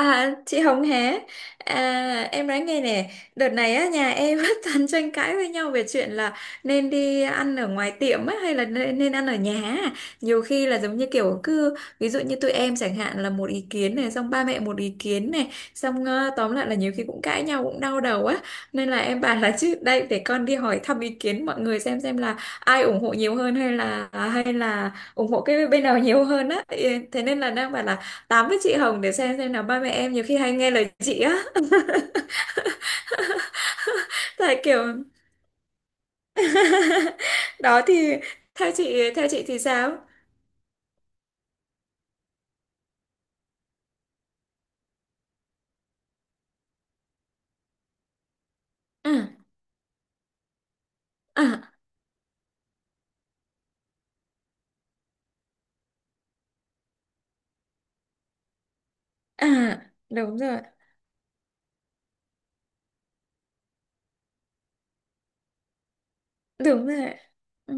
À, chị Hồng hé, à, em nói nghe nè. Đợt này á nhà em rất toàn tranh cãi với nhau về chuyện là nên đi ăn ở ngoài tiệm á hay là nên ăn ở nhà á. Nhiều khi là giống như kiểu cứ ví dụ như tụi em chẳng hạn là một ý kiến này xong ba mẹ một ý kiến này, xong tóm lại là nhiều khi cũng cãi nhau cũng đau đầu á. Nên là em bảo là chứ đây để con đi hỏi thăm ý kiến mọi người xem là ai ủng hộ nhiều hơn hay là ủng hộ cái bên nào nhiều hơn á. Ừ, thế nên là đang bảo là tám với chị Hồng để xem nào ba mẹ em nhiều khi hay nghe lời chị á. Tại kiểu đó thì theo chị thì sao? À, à, à, đúng rồi, đúng rồi, ừ.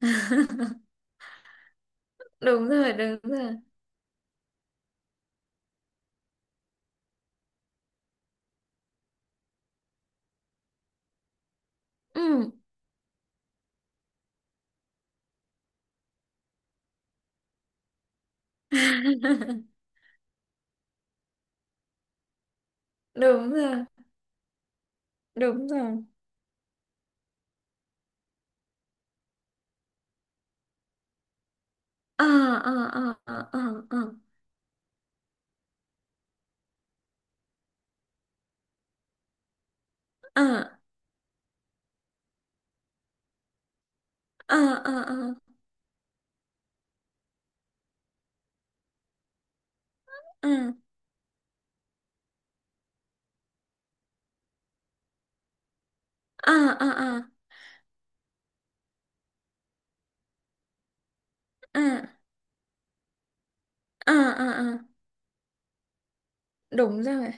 Đúng rồi, đúng rồi, ừ. Đúng rồi, đúng rồi, à, à, à, à, à, à, à, à, à, à, à, à, à, à, à, à, à, à. Đúng rồi.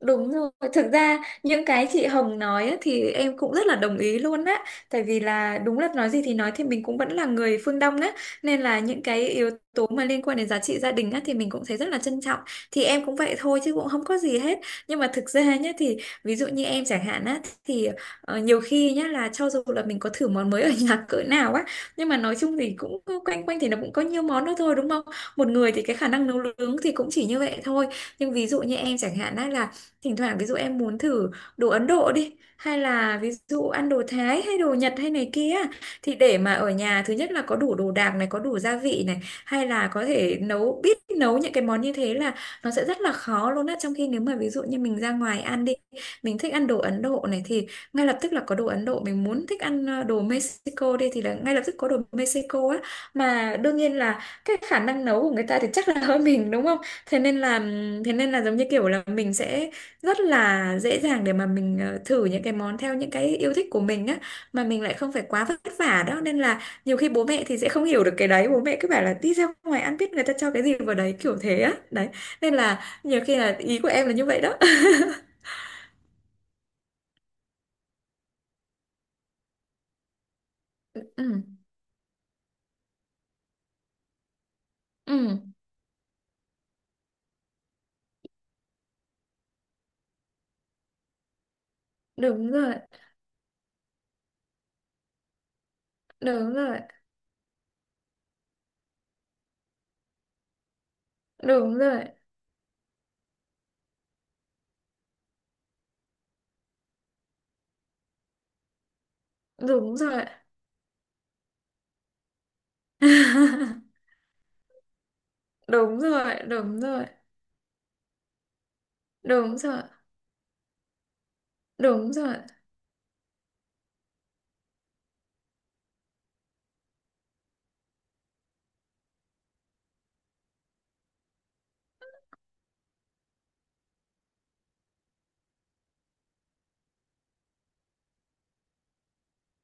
Đúng rồi, thực ra những cái chị Hồng nói á, thì em cũng rất là đồng ý luôn á. Tại vì là đúng là nói gì thì nói thì mình cũng vẫn là người phương Đông á. Nên là những cái yếu tố mà liên quan đến giá trị gia đình á thì mình cũng thấy rất là trân trọng. Thì em cũng vậy thôi chứ cũng không có gì hết. Nhưng mà thực ra nhá thì ví dụ như em chẳng hạn á. Thì nhiều khi nhá là cho dù là mình có thử món mới ở nhà cỡ nào á. Nhưng mà nói chung thì cũng quanh quanh thì nó cũng có nhiều món đó thôi, đúng không? Một người thì cái khả năng nấu nướng thì cũng chỉ như vậy thôi. Nhưng ví dụ như em chẳng hạn á là thỉnh thoảng ví dụ em muốn thử đồ Ấn Độ đi hay là ví dụ ăn đồ Thái hay đồ Nhật hay này kia, thì để mà ở nhà thứ nhất là có đủ đồ đạc này có đủ gia vị này hay là có thể nấu biết nấu những cái món như thế là nó sẽ rất là khó luôn á, trong khi nếu mà ví dụ như mình ra ngoài ăn đi, mình thích ăn đồ Ấn Độ này thì ngay lập tức là có đồ Ấn Độ, mình muốn thích ăn đồ Mexico đi thì là ngay lập tức có đồ Mexico á, mà đương nhiên là cái khả năng nấu của người ta thì chắc là hơn mình đúng không. Thế nên là thế nên là giống như kiểu là mình sẽ rất là dễ dàng để mà mình thử những cái món theo những cái yêu thích của mình á, mà mình lại không phải quá vất vả đó. Nên là nhiều khi bố mẹ thì sẽ không hiểu được cái đấy, bố mẹ cứ bảo là đi ra ngoài ăn biết người ta cho cái gì vào đấy kiểu thế á đấy. Nên là nhiều khi là ý của em là như vậy đó. Ừ, ừ, đúng rồi, đúng rồi, đúng rồi, đúng rồi. Đúng rồi, đúng rồi, đúng rồi, đúng rồi.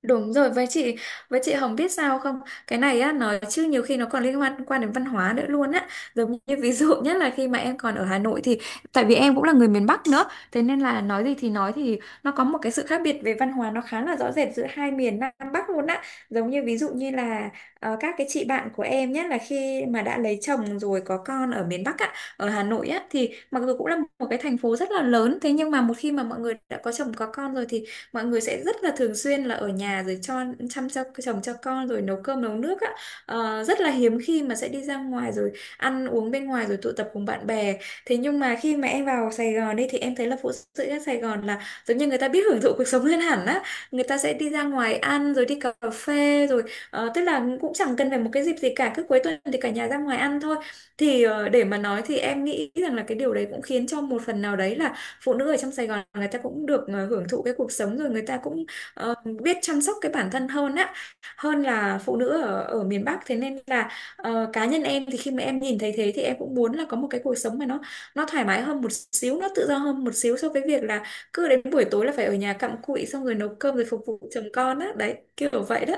Đúng rồi, với chị, với chị Hồng biết sao không? Cái này á nói chứ nhiều khi nó còn liên quan quan đến văn hóa nữa luôn á. Giống như ví dụ nhất là khi mà em còn ở Hà Nội thì tại vì em cũng là người miền Bắc nữa, thế nên là nói gì thì nói thì nó có một cái sự khác biệt về văn hóa nó khá là rõ rệt giữa hai miền Nam Bắc luôn á. Giống như ví dụ như là các cái chị bạn của em nhé là khi mà đã lấy chồng rồi có con ở miền Bắc á, ở Hà Nội á thì mặc dù cũng là một cái thành phố rất là lớn, thế nhưng mà một khi mà mọi người đã có chồng có con rồi thì mọi người sẽ rất là thường xuyên là ở nhà rồi cho chăm cho chồng cho con rồi nấu cơm nấu nước á. Ờ, rất là hiếm khi mà sẽ đi ra ngoài rồi ăn uống bên ngoài rồi tụ tập cùng bạn bè. Thế nhưng mà khi mà em vào Sài Gòn đi thì em thấy là phụ nữ ở Sài Gòn là giống như người ta biết hưởng thụ cuộc sống hơn hẳn á, người ta sẽ đi ra ngoài ăn rồi đi cà phê rồi tức là cũng chẳng cần phải một cái dịp gì cả, cứ cuối tuần thì cả nhà ra ngoài ăn thôi. Thì để mà nói thì em nghĩ rằng là cái điều đấy cũng khiến cho một phần nào đấy là phụ nữ ở trong Sài Gòn người ta cũng được hưởng thụ cái cuộc sống rồi người ta cũng ờ, biết chăm sóc cái bản thân hơn á, hơn là phụ nữ ở ở miền Bắc. Thế nên là cá nhân em thì khi mà em nhìn thấy thế thì em cũng muốn là có một cái cuộc sống mà nó thoải mái hơn một xíu, nó tự do hơn một xíu so với việc là cứ đến buổi tối là phải ở nhà cặm cụi xong rồi nấu cơm rồi phục vụ chồng con á, đấy kiểu vậy đó.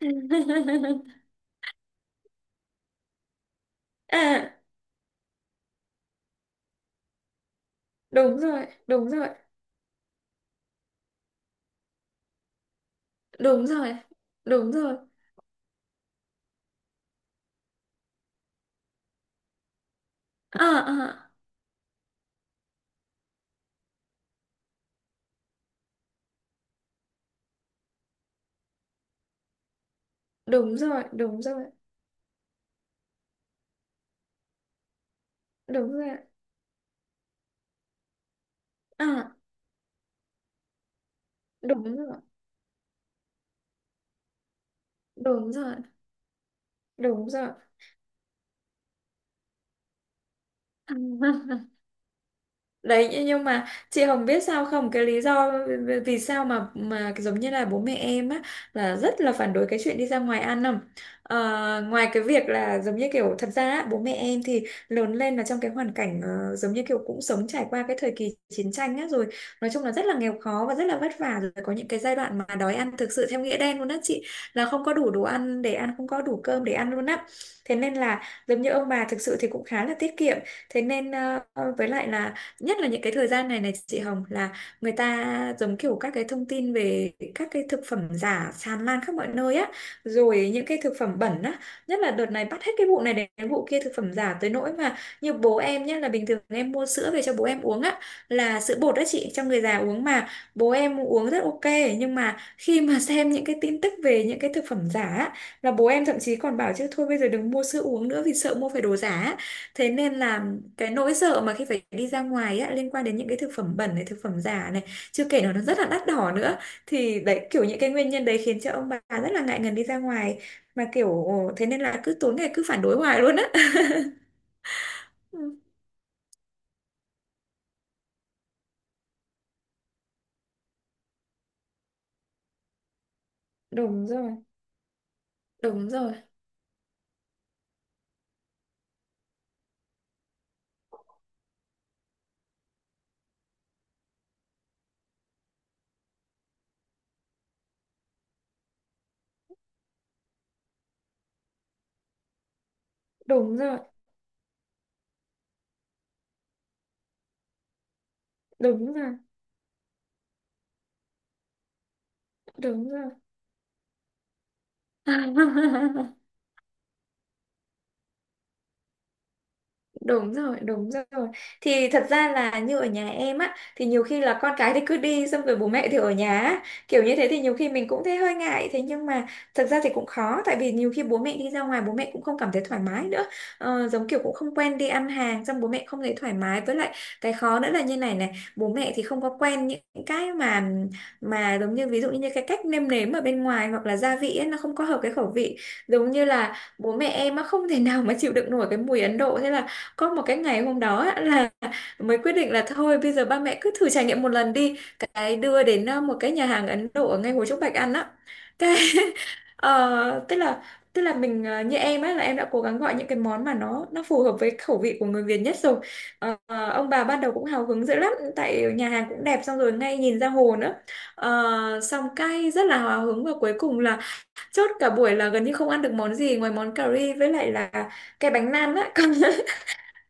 À, đúng rồi, đúng rồi, đúng rồi, đúng rồi, à, à, đúng rồi, đúng rồi, đúng rồi, à. Đúng rồi, đúng rồi, đúng rồi. Đấy, nhưng mà chị Hồng biết sao không cái lý do vì sao mà giống như là bố mẹ em á là rất là phản đối cái chuyện đi ra ngoài ăn không? Ờ, ngoài cái việc là giống như kiểu thật ra á, bố mẹ em thì lớn lên là trong cái hoàn cảnh giống như kiểu cũng sống trải qua cái thời kỳ chiến tranh á, rồi nói chung là rất là nghèo khó và rất là vất vả, rồi có những cái giai đoạn mà đói ăn thực sự theo nghĩa đen luôn á chị, là không có đủ đồ ăn để ăn, không có đủ cơm để ăn luôn á. Thế nên là giống như ông bà thực sự thì cũng khá là tiết kiệm. Thế nên với lại là nhất là những cái thời gian này này chị Hồng, là người ta giống kiểu các cái thông tin về các cái thực phẩm giả tràn lan khắp mọi nơi á, rồi những cái thực phẩm bẩn á. Nhất là đợt này bắt hết cái vụ này đến vụ kia, thực phẩm giả tới nỗi mà như bố em nhé, là bình thường em mua sữa về cho bố em uống á, là sữa bột đó chị, cho người già uống mà bố em uống rất ok. Nhưng mà khi mà xem những cái tin tức về những cái thực phẩm giả á, là bố em thậm chí còn bảo chứ thôi bây giờ đừng mua sữa uống nữa vì sợ mua phải đồ giả á. Thế nên là cái nỗi sợ mà khi phải đi ra ngoài á, liên quan đến những cái thực phẩm bẩn này, thực phẩm giả này, chưa kể là nó rất là đắt đỏ nữa, thì đấy kiểu những cái nguyên nhân đấy khiến cho ông bà rất là ngại ngần đi ra ngoài. Mà kiểu thế nên là cứ tối ngày cứ phản đối hoài luôn á. Ừ, đúng rồi, đúng rồi, đúng rồi, đúng rồi, đúng rồi. Đúng rồi, đúng rồi. Thì thật ra là như ở nhà em á, thì nhiều khi là con cái thì cứ đi xong rồi bố mẹ thì ở nhà á. Kiểu như thế thì nhiều khi mình cũng thấy hơi ngại, thế nhưng mà thật ra thì cũng khó tại vì nhiều khi bố mẹ đi ra ngoài bố mẹ cũng không cảm thấy thoải mái nữa. Ờ, giống kiểu cũng không quen đi ăn hàng, xong bố mẹ không thấy thoải mái với lại cái khó nữa là như này này, bố mẹ thì không có quen những cái mà giống như ví dụ như cái cách nêm nếm ở bên ngoài hoặc là gia vị ấy, nó không có hợp cái khẩu vị. Giống như là bố mẹ em á không thể nào mà chịu đựng nổi cái mùi Ấn Độ. Thế là có một cái ngày hôm đó á, là mới quyết định là thôi bây giờ ba mẹ cứ thử trải nghiệm một lần đi, cái đưa đến một cái nhà hàng Ấn Độ ở ngay Hồ Trúc Bạch ăn á. Cái ờ, tức là tức là mình như em á là em đã cố gắng gọi những cái món mà nó phù hợp với khẩu vị của người Việt nhất rồi. Ờ, ờ, ông bà ban đầu cũng hào hứng dữ lắm tại nhà hàng cũng đẹp, xong rồi ngay nhìn ra hồ nữa. Ờ, xong cay rất là hào hứng và cuối cùng là chốt cả buổi là gần như không ăn được món gì ngoài món cà ri với lại là cái bánh nan á. Còn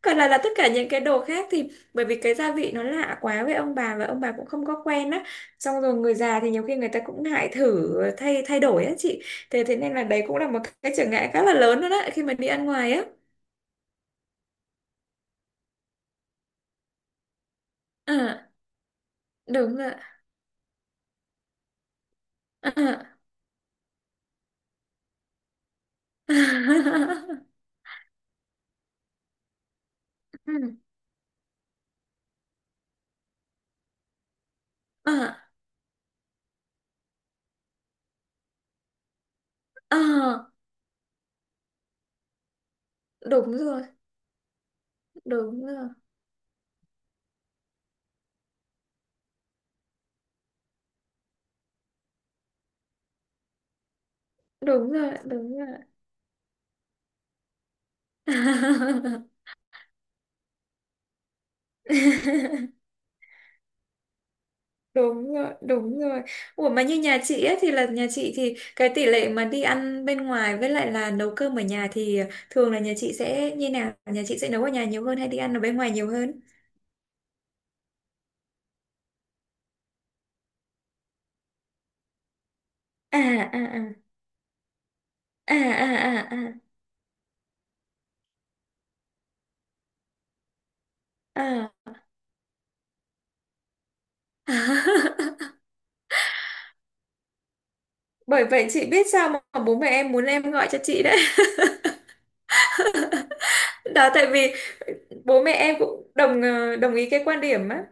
còn là tất cả những cái đồ khác thì bởi vì cái gia vị nó lạ quá với ông bà và ông bà cũng không có quen á. Xong rồi người già thì nhiều khi người ta cũng ngại thử thay thay đổi á chị. Thế thế nên là đấy cũng là một cái trở ngại khá là lớn đó, đó khi mà đi ăn ngoài á. À, đúng rồi, à. Ừ. À, à, đúng rồi, đúng rồi, đúng rồi, đúng rồi. Đúng rồi, đúng rồi. Ủa mà như nhà chị ấy, thì là nhà chị thì cái tỷ lệ mà đi ăn bên ngoài với lại là nấu cơm ở nhà thì thường là nhà chị sẽ như nào? Nhà chị sẽ nấu ở nhà nhiều hơn hay đi ăn ở bên ngoài nhiều hơn? À, à, à, à, à, à, à, à. Bởi vậy chị biết sao mà bố mẹ em muốn em gọi cho chị đấy. Đó tại vì bố mẹ em cũng đồng đồng ý cái quan điểm á.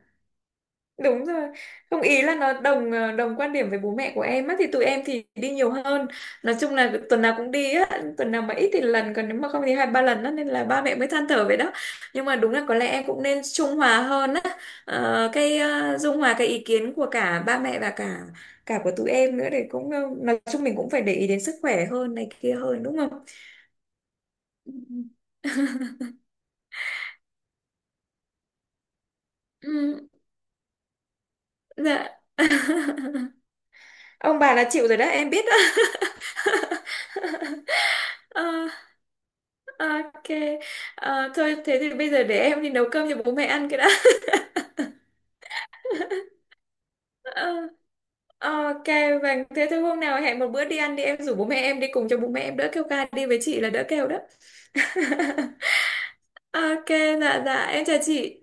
Đúng rồi. Không, ý là nó đồng đồng quan điểm với bố mẹ của em á thì tụi em thì đi nhiều hơn. Nói chung là tuần nào cũng đi á, tuần nào mà ít thì lần, còn nếu mà không thì hai ba lần á nên là ba mẹ mới than thở vậy đó. Nhưng mà đúng là có lẽ em cũng nên trung hòa hơn á. Ờ, cái dung hòa cái ý kiến của cả ba mẹ và cả cả của tụi em nữa, để cũng nói chung mình cũng phải để ý đến sức khỏe hơn này kia hơn đúng không? Ừ. Ừ, dạ. Ông bà là chịu rồi đó, em biết đó. Ok. Ờ, thôi thế thì bây giờ để em đi nấu cơm cho bố mẹ ăn cái đã. Ờ, ok, vâng. Thế thôi hôm nào hẹn một bữa đi ăn đi, em rủ bố mẹ em đi cùng cho bố mẹ em đỡ kêu ca, đi với chị là đỡ kêu đó. Ok, dạ dạ em chào chị.